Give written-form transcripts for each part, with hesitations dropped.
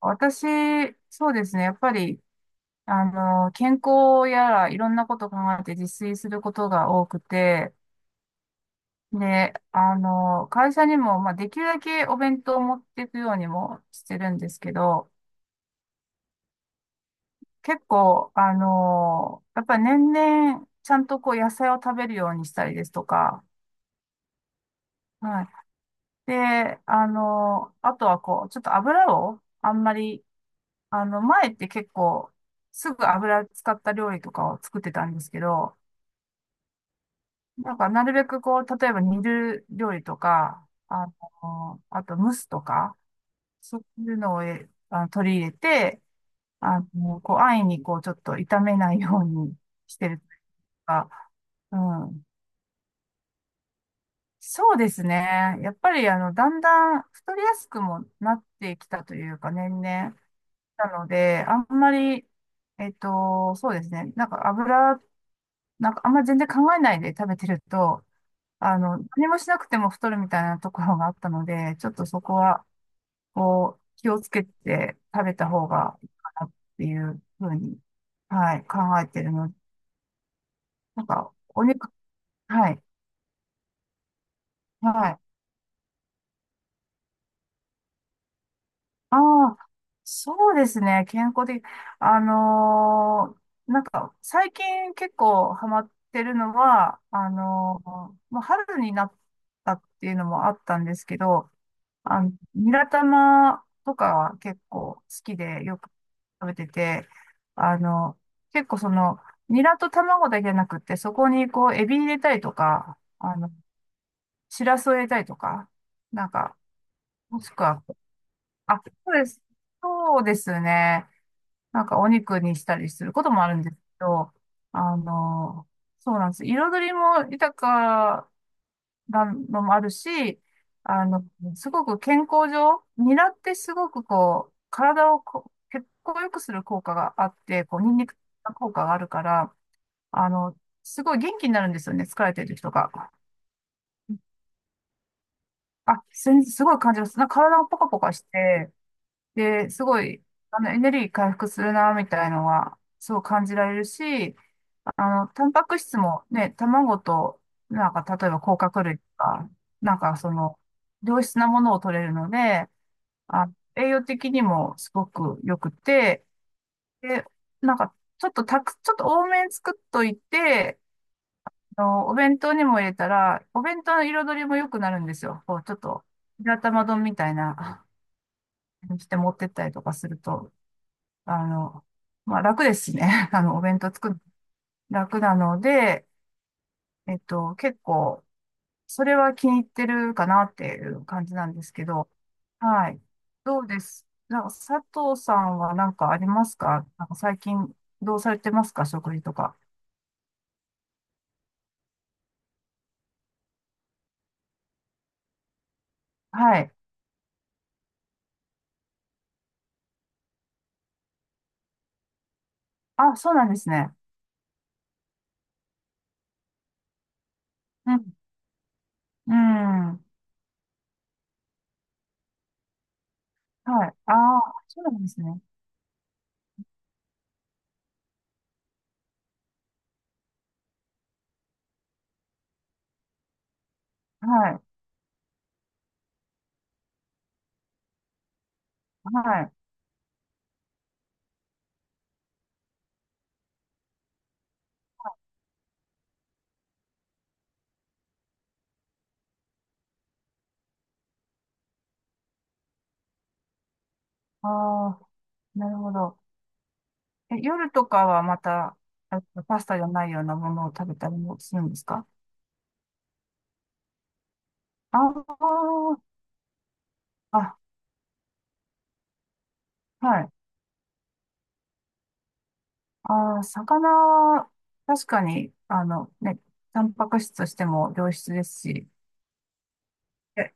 私、そうですね。やっぱり、健康やらいろんなことを考えて自炊することが多くて、で、会社にも、まあ、できるだけお弁当を持っていくようにもしてるんですけど、結構、やっぱり年々、ちゃんとこう野菜を食べるようにしたりですとか、はい。で、あとはこう、ちょっと油をあんまり、前って結構、すぐ油使った料理とかを作ってたんですけど、なんか、なるべくこう、例えば煮る料理とか、あと蒸すとか、そういうのをえあの取り入れて、こう、安易にこう、ちょっと炒めないようにしてるというか、うん。そうですね。やっぱり、だんだん太りやすくもなってきたというか、年々。なので、あんまり、そうですね。なんか油、なんかあんま全然考えないで食べてると、何もしなくても太るみたいなところがあったので、ちょっとそこは、こう、気をつけて食べた方がいいかなっていうふうに、はい、考えてるので、なんか、お肉、はい、はい。ああ、そうですね、健康的。あのーなんか、最近結構ハマってるのは、もう春になったっていうのもあったんですけど、ニラ玉とかは結構好きでよく食べてて、あの、結構その、ニラと卵だけじゃなくって、そこにこう、エビ入れたりとか、シラスを入れたりとか、なんか、もしくは、あ、そうです。そうですね。なんかお肉にしたりすることもあるんですけど、あの、そうなんです。彩りも豊なのもあるし、あの、すごく健康上、ニラってすごくこう、体をこう血行を良くする効果があって、こう、ニンニクの効果があるから、あの、すごい元気になるんですよね、疲れてる人が、あ、すごい感じます。なんか体もポカポカして、で、すごい、エネルギー回復するな、みたいのは、すごい感じられるし、タンパク質もね、卵と、なんか、例えば甲殻類とか、なんかその、良質なものを取れるので、あ、栄養的にもすごく良くて、で、なんか、ちょっと多めに作っといて、お弁当にも入れたら、お弁当の彩りも良くなるんですよ。こう、ちょっと、白玉丼みたいな、にして持ってったりとかすると、あの、まあ楽ですしね。お弁当作る、楽なので、結構、それは気に入ってるかなっていう感じなんですけど、はい。どうです、なんか佐藤さんは何かありますか？なんか最近どうされてますか？食事とか。はい。あ、そうなんですね。うん。うん。はい。ああ、そうなんですね。はい。はい。ああ、なるほど。え、夜とかはまた、パスタじゃないようなものを食べたりもするんですか？ああー、あ、はい。ああ、魚は、確かに、あのね、タンパク質としても良質ですし、え、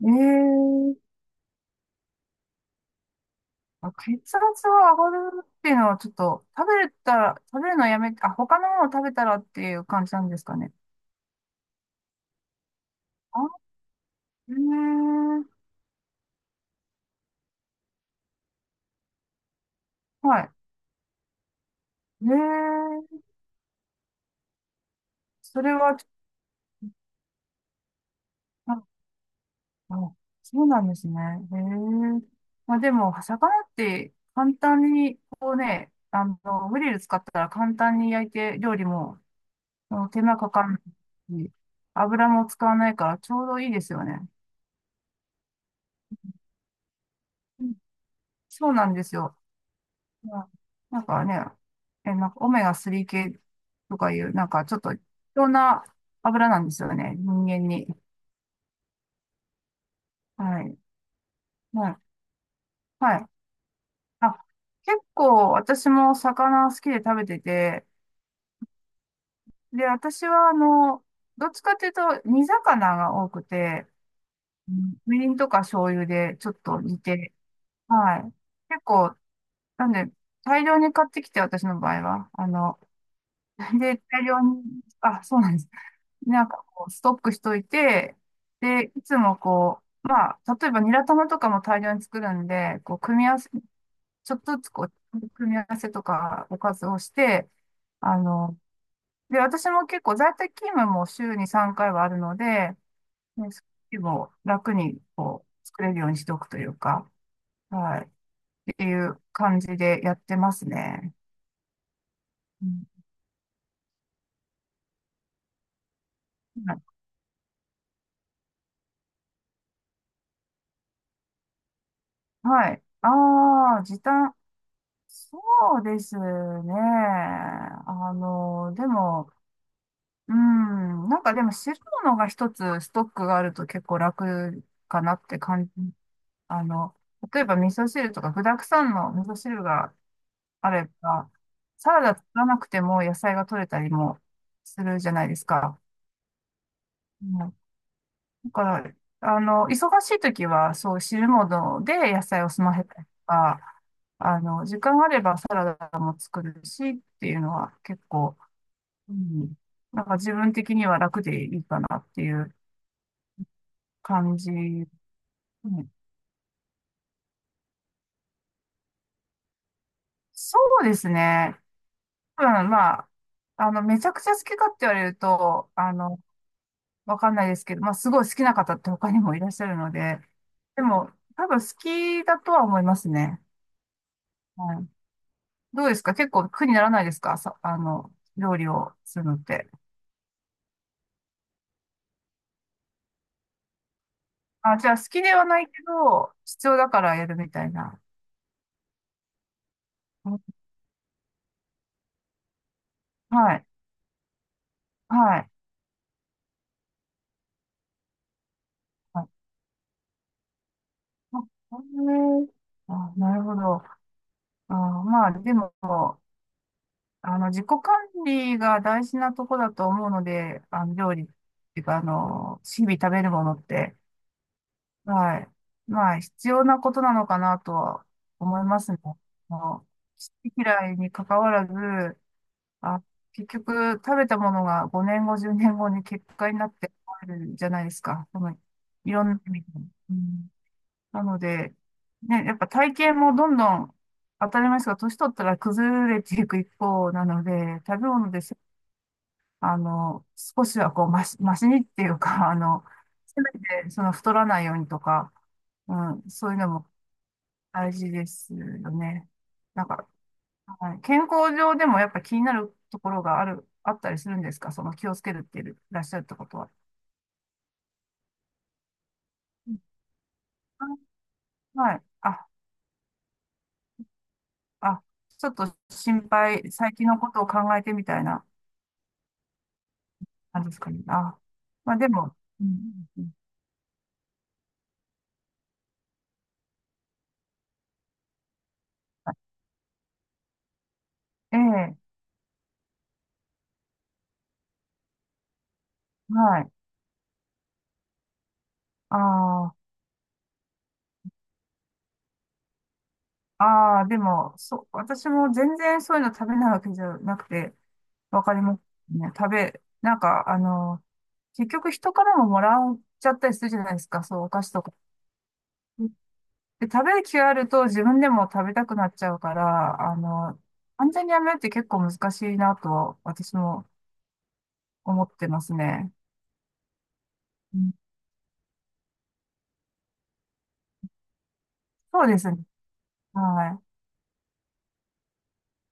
えーあ、血圧は上がるっていうのはちょっと、食べれたら、食べるのやめて、あ、他のものを食べたらっていう感じなんですかね。あ、えー、はい。えー、それはちょ、あ、あ、そうなんですね。えー、まあでも、魚って簡単に、こうね、グリル使ったら簡単に焼いて料理ももう手間かかんないし、油も使わないからちょうどいいですよね。うん。そうなんですよ。まあなんかね、なんかオメガ3系とかいう、なんかちょっと必要な油なんですよね、人間に。はい。はい。はい。あ、結構私も魚好きで食べてて、で、私はどっちかっていうと煮魚が多くて、うん、みりんとか醤油でちょっと煮て、はい。結構なんで、大量に買ってきて、私の場合は。で、大量に、あ、そうなんです。なんかこう、ストックしといて、で、いつもこう、まあ、例えばニラ玉とかも大量に作るんで、こう、組み合わせ、ちょっとずつこう、組み合わせとかおかずをして、あの、で、私も結構在宅勤務も週に3回はあるので、ね、それも楽にこう、作れるようにしておくというか、はい、っていう感じでやってますね。うん、はい。ああ、時短。そうですね。でも、うん、なんかでも汁物が一つストックがあると結構楽かなって感じ。あの、例えば味噌汁とか具沢山の味噌汁があれば、サラダ作らなくても野菜が取れたりもするじゃないですか。うん、だから、忙しい時はそう汁物で野菜を済ませたりとか、時間あればサラダも作るしっていうのは結構、うん、なんか自分的には楽でいいかなっていう感じ。うん、そうですね。うん、まあ、めちゃくちゃ好きかって言われると、わかんないですけど、まあ、すごい好きな方って他にもいらっしゃるので、でも、多分好きだとは思いますね。はい。どうですか？結構苦にならないですか？さ、料理をするのって。あ、じゃあ好きではないけど、必要だからやるみたいな。あ、はい。はい。はい、あ、これ、あ、なるほど。あ、まあ、でも、自己管理が大事なとこだと思うので、料理っていうか、日々食べるものって、はい。まあ、必要なことなのかなとは思いますね。あの、好き嫌いに関わらず、あ、結局、食べたものが5年後、10年後に結果になってあるじゃないですか。その、いろんな意味で。うん、なので、ね、やっぱ体型もどんどん当たり前ですが、年取ったら崩れていく一方なので、食べ物です。少しはこう、ましにっていうか、せめて、その、太らないようにとか、うん、そういうのも大事ですよね。なんか、はい、健康上でもやっぱ気になるところがあったりするんですか、その気をつけるっていらっしゃるってことは？うん、あ、はい。あ、あ、ちょっと心配、最近のことを考えてみたいな感じですかね。あ、まあでも、うん、うん、ええ、はい。ああ、ああ、でも、そう、私も全然そういうの食べないわけじゃなくて、わかりますね。なんか、結局人からももらっちゃったりするじゃないですか、そう、お菓子とか。で、食べる気があると自分でも食べたくなっちゃうから、完全にやめるって結構難しいなと私も思ってますね。うん、そうですね。はい。